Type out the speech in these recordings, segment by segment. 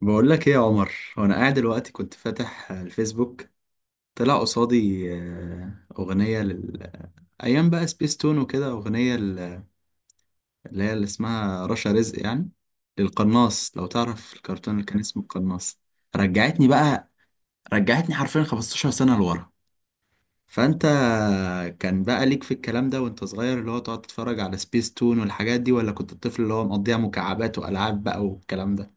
بقول لك ايه يا عمر. وانا قاعد دلوقتي كنت فاتح الفيسبوك، طلع قصادي اغنيه لل ايام بقى سبيس تون وكده، اغنيه ل- اللي هي اللي اسمها رشا رزق يعني، للقناص. لو تعرف الكرتون اللي كان اسمه القناص، رجعتني بقى، رجعتني حرفيا 15 سنه لورا. فانت كان بقى ليك في الكلام ده وانت صغير؟ اللي هو تقعد تتفرج على سبيس تون والحاجات دي، ولا كنت الطفل اللي هو مقضيها مكعبات والعاب بقى والكلام ده؟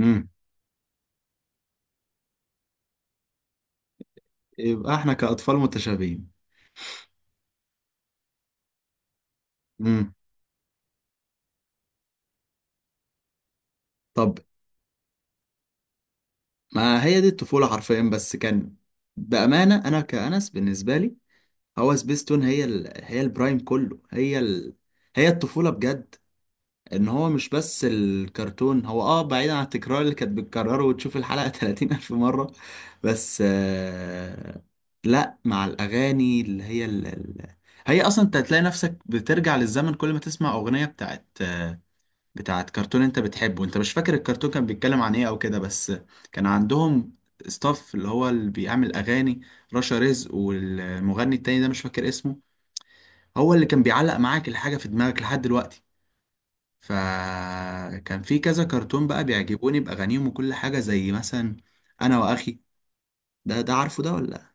امم يبقى احنا كاطفال متشابهين. طب ما هي دي الطفولة حرفيا. بس كان، بأمانة أنا كأنس بالنسبة لي، هو سبيستون هي ال... هي البرايم كله، هي ال... هي الطفولة بجد. إن هو مش بس الكرتون، هو آه بعيدا عن التكرار اللي كانت بتكرره وتشوف الحلقة 30 ألف مرة، بس آه... لأ، مع الأغاني اللي هي ال... ال... هي أصلا أنت هتلاقي نفسك بترجع للزمن كل ما تسمع أغنية بتاعت بتاعت كرتون انت بتحبه. انت مش فاكر الكرتون كان بيتكلم عن ايه او كده، بس كان عندهم ستاف اللي هو اللي بيعمل اغاني، رشا رزق والمغني التاني ده مش فاكر اسمه، هو اللي كان بيعلق معاك الحاجة في دماغك لحد دلوقتي. فكان في كذا كرتون بقى بيعجبوني بأغانيهم وكل حاجة، زي مثلا أنا وأخي. ده، ده عارفه ده ولا؟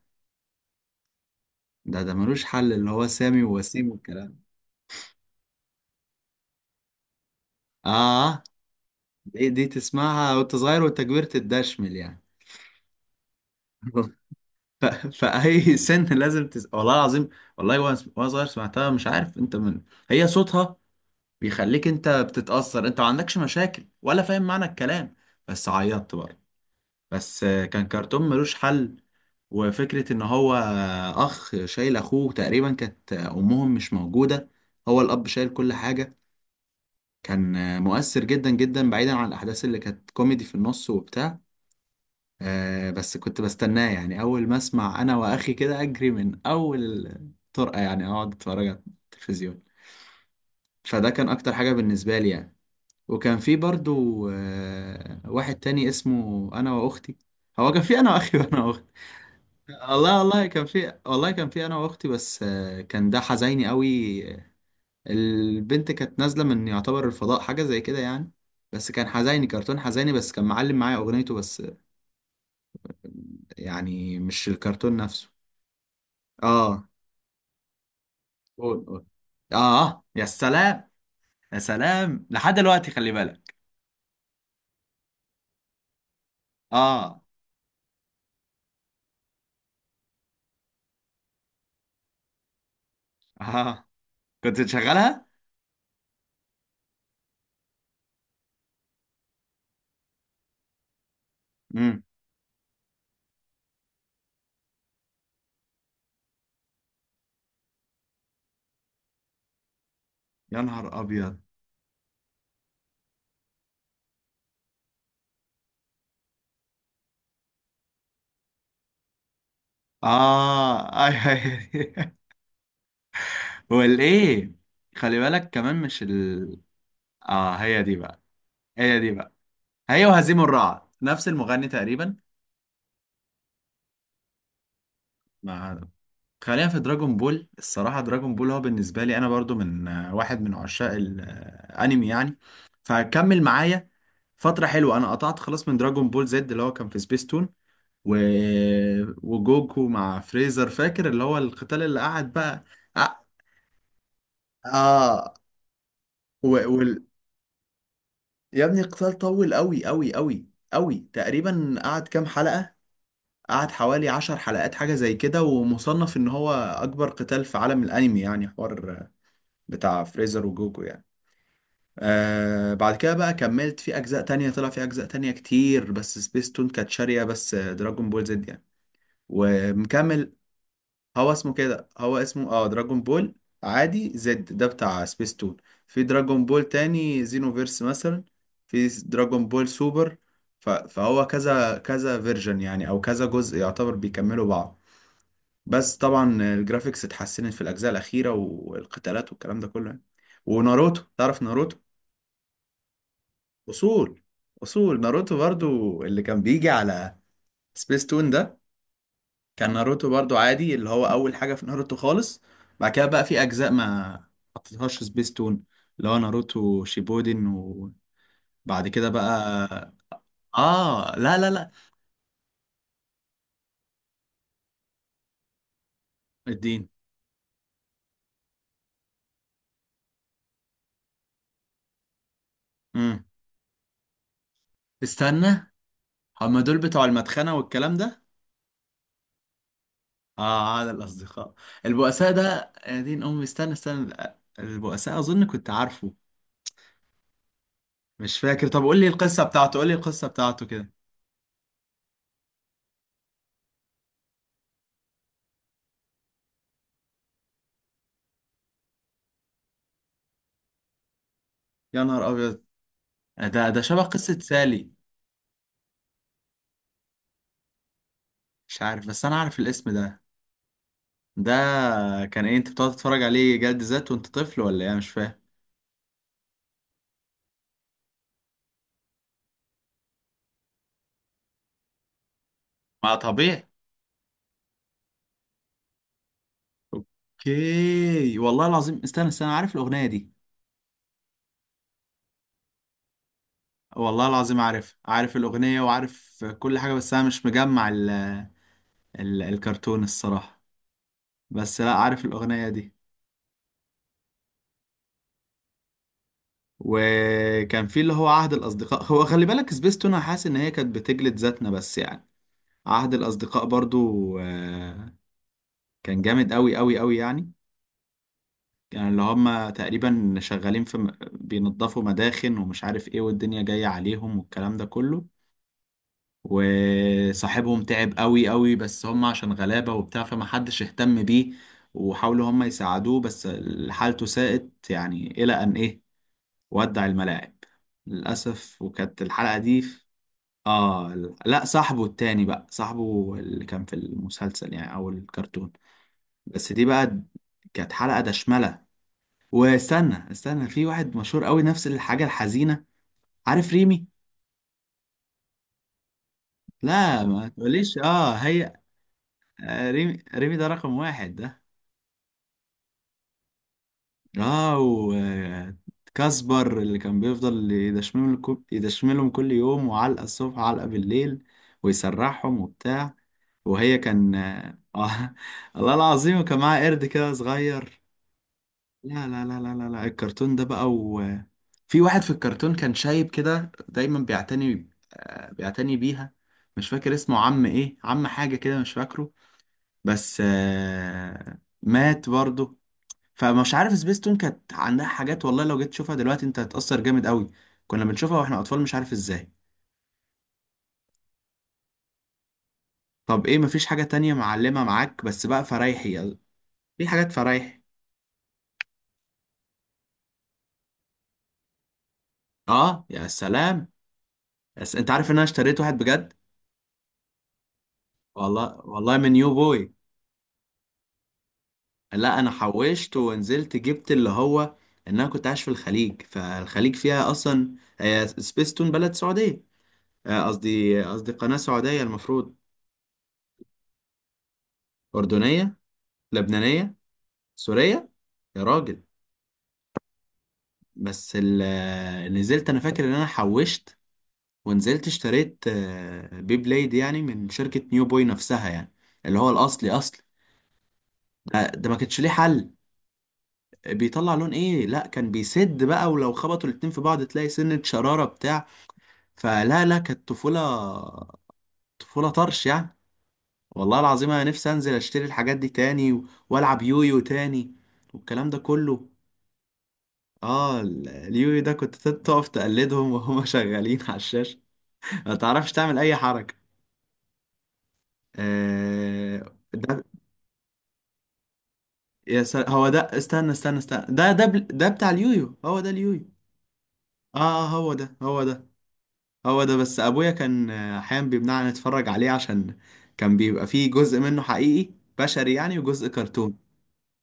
ده ملوش حل، اللي هو سامي ووسيم والكلام. آه دي, دي تسمعها وأنت صغير، وأنت كبرت تدشمل يعني. ف... فأي سن لازم تس... والله العظيم، والله وأنا، صغير سمعتها، مش عارف أنت من، هي صوتها بيخليك أنت بتتأثر. أنت ما عندكش مشاكل ولا فاهم معنى الكلام، بس عيطت برضه. بس كان كرتون ملوش حل، وفكرة إن هو أخ شايل أخوه، تقريبا كانت أمهم مش موجودة، هو الأب شايل كل حاجة. كان مؤثر جدا جدا، بعيدا عن الأحداث اللي كانت كوميدي في النص وبتاع. آه بس كنت بستناه يعني، أول ما أسمع أنا وأخي كده أجري من أول طرقة يعني، أقعد أتفرج على التلفزيون. فده كان أكتر حاجة بالنسبة لي يعني. وكان في برضو آه واحد تاني اسمه أنا وأختي. هو كان في أنا وأخي وأنا وأختي. والله والله كان في، والله كان في أنا وأختي، بس آه كان ده حزيني قوي. البنت كانت نازلة من يعتبر الفضاء حاجة زي كده يعني. بس كان حزيني، كرتون حزيني، بس كان معلم معايا أغنيته بس يعني مش الكرتون نفسه. اه، قول قول. اه يا سلام، يا سلام لحد دلوقتي، خلي بالك. اه. اه كنت تشغلها. امم يا نهار ابيض. اه، اي اي. والايه، خلي بالك كمان مش ال، اه هي دي بقى، هي دي بقى. هي وهزيم الرعد، نفس المغني تقريبا. مع، خلينا في دراجون بول. الصراحة دراجون بول هو بالنسبة لي انا برضو من واحد من عشاق الانمي يعني، فكمل معايا. فترة حلوة أنا قطعت خلاص من دراجون بول زد اللي هو كان في سبيس تون، و... وجوكو مع فريزر، فاكر اللي هو القتال اللي قعد بقى. آه. آه. و... وال... يا ابني القتال طول أوي أوي أوي أوي. تقريبا قعد كام حلقة، قعد حوالي عشر حلقات حاجة زي كده. ومصنف إن هو أكبر قتال في عالم الأنمي يعني، حوار بتاع فريزر وجوكو يعني. آه، بعد كده بقى كملت في أجزاء تانية، طلع في أجزاء تانية كتير، بس سبيس تون كانت شارية بس دراجون بول زد يعني. ومكمل. هو اسمه كده، هو اسمه اه دراجون بول عادي. زد ده بتاع سبيس تون. في دراجون بول تاني زينوفيرس مثلا، في دراجون بول سوبر. ف- فهو كذا كذا فيرجن يعني، او كذا جزء يعتبر بيكملوا بعض. بس طبعا الجرافيكس اتحسنت في الاجزاء الاخيره والقتالات والكلام ده كله يعني. وناروتو، تعرف ناروتو؟ اصول، اصول ناروتو برضو اللي كان بيجي على سبيس تون ده. كان ناروتو برضو عادي اللي هو اول حاجه في ناروتو خالص. بعد كده بقى في اجزاء ما حطيتهاش سبيستون، اللي هو ناروتو شيبودن. وبعد كده بقى، اه لا. الدين. امم استنى، هما دول بتوع المدخنه والكلام ده؟ اه عاد الاصدقاء، البؤساء ده، يا دين امي، استنى استنى. البؤساء اظن كنت عارفه، مش فاكر. طب قول لي القصه بتاعته، قول لي القصه بتاعته كده. يا نهار ابيض، ده، ده شبه قصه سالي. مش عارف بس انا عارف الاسم ده. ده كان ايه؟ انت بتقعد تتفرج عليه جلد ذات وانت طفل ولا ايه، مش فاهم. ما طبيعي. اوكي والله العظيم، استنى استنى، عارف الاغنيه دي، والله العظيم عارف، عارف الاغنيه وعارف كل حاجه، بس انا مش مجمع ال الكرتون الصراحه. بس لا عارف الاغنيه دي. وكان في اللي هو عهد الاصدقاء، هو خلي بالك سبيستون انا حاسس ان هي كانت بتجلد ذاتنا بس يعني. عهد الاصدقاء برضو آه، كان جامد قوي قوي قوي يعني. يعني اللي هم تقريبا شغالين في م- بينظفوا مداخن ومش عارف ايه، والدنيا جاية عليهم والكلام ده كله. وصاحبهم تعب قوي قوي، بس هم عشان غلابة وبتاع فمحدش اهتم بيه. وحاولوا هم يساعدوه بس حالته ساءت، يعني إلى أن إيه، ودع الملاعب للأسف. وكانت الحلقة دي في- آه ال- لا صاحبه التاني بقى، صاحبه اللي كان في المسلسل يعني أو الكرتون. بس دي بقى كانت حلقة دشملة. واستنى استنى، في واحد مشهور قوي نفس الحاجة الحزينة. عارف ريمي؟ لا ما تقوليش اه هي. آه، ريمي، ريمي ده رقم واحد ده. اه، وكاسبر اللي كان بيفضل يدشملهم كل- يدشملهم كل يوم، وعلقة الصبح وعلقة بالليل ويسرحهم وبتاع. وهي كان اه، آه، الله العظيم. وكان معاها قرد كده صغير. لا الكرتون ده بقى، في واحد في الكرتون كان شايب كده دايما بيعتني بيعتني بيها، مش فاكر اسمه عم ايه، عم حاجة كده مش فاكره. بس مات برضه. فمش عارف، سبيستون كانت عندها حاجات والله لو جيت تشوفها دلوقتي انت هتتأثر جامد قوي، كنا بنشوفها واحنا اطفال مش عارف ازاي. طب ايه، مفيش حاجة تانية معلمة معاك بس بقى فرايحي؟ في حاجات فرايحي. اه يا سلام، بس انت عارف ان انا اشتريت واحد بجد، والله والله، من يو بوي. لا، انا حوشت ونزلت جبت اللي هو، ان انا كنت عايش في الخليج، فالخليج فيها اصلا، هي سبيستون بلد سعوديه، قصدي قصدي قناه سعوديه المفروض، اردنيه، لبنانيه، سوريه. يا راجل. بس ال- نزلت انا فاكر ان انا حوشت ونزلت اشتريت بي بليد يعني، من شركه نيو بوي نفسها يعني، اللي هو الاصلي اصلي. ده, ده ما كانش ليه حل. بيطلع لون ايه؟ لا كان بيسد بقى، ولو خبطوا الاتنين في بعض تلاقي سنة شرارة بتاع. فلا لا، كانت طفولة، طفولة طرش يعني. والله العظيم انا نفسي انزل اشتري الحاجات دي تاني، و- والعب يويو تاني والكلام ده كله. اه ال- اليويو ده كنت تقف تقلدهم وهما شغالين على الشاشة، ما تعرفش تعمل اي حركة. آه ده. يا سل... هو ده، استنى استنى استنى، ده ده بل... ده بتاع اليويو، هو ده اليويو. اه، آه، هو ده، هو ده، هو ده. بس ابويا كان احيانا بيمنعنا نتفرج عليه، عشان كان بيبقى فيه جزء منه حقيقي بشري يعني، وجزء كرتون.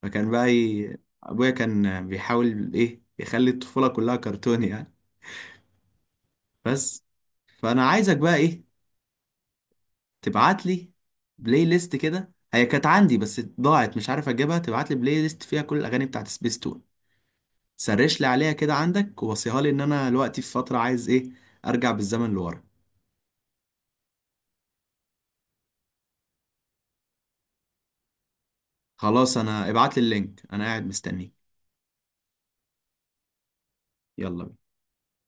فكان بقى ي... ابويا كان بيحاول ايه، يخلي الطفولة كلها كرتون يعني. بس، فانا عايزك بقى ايه، تبعت لي بلاي ليست كده، هي كانت عندي بس ضاعت مش عارف اجيبها. تبعت لي بلاي ليست فيها كل الاغاني بتاعت سبيستون. سرش لي عليها كده عندك ووصيها لي، ان انا دلوقتي في فترة عايز ايه، ارجع بالزمن لورا. خلاص انا، ابعت لي اللينك انا قاعد مستنيك. يلا بينا.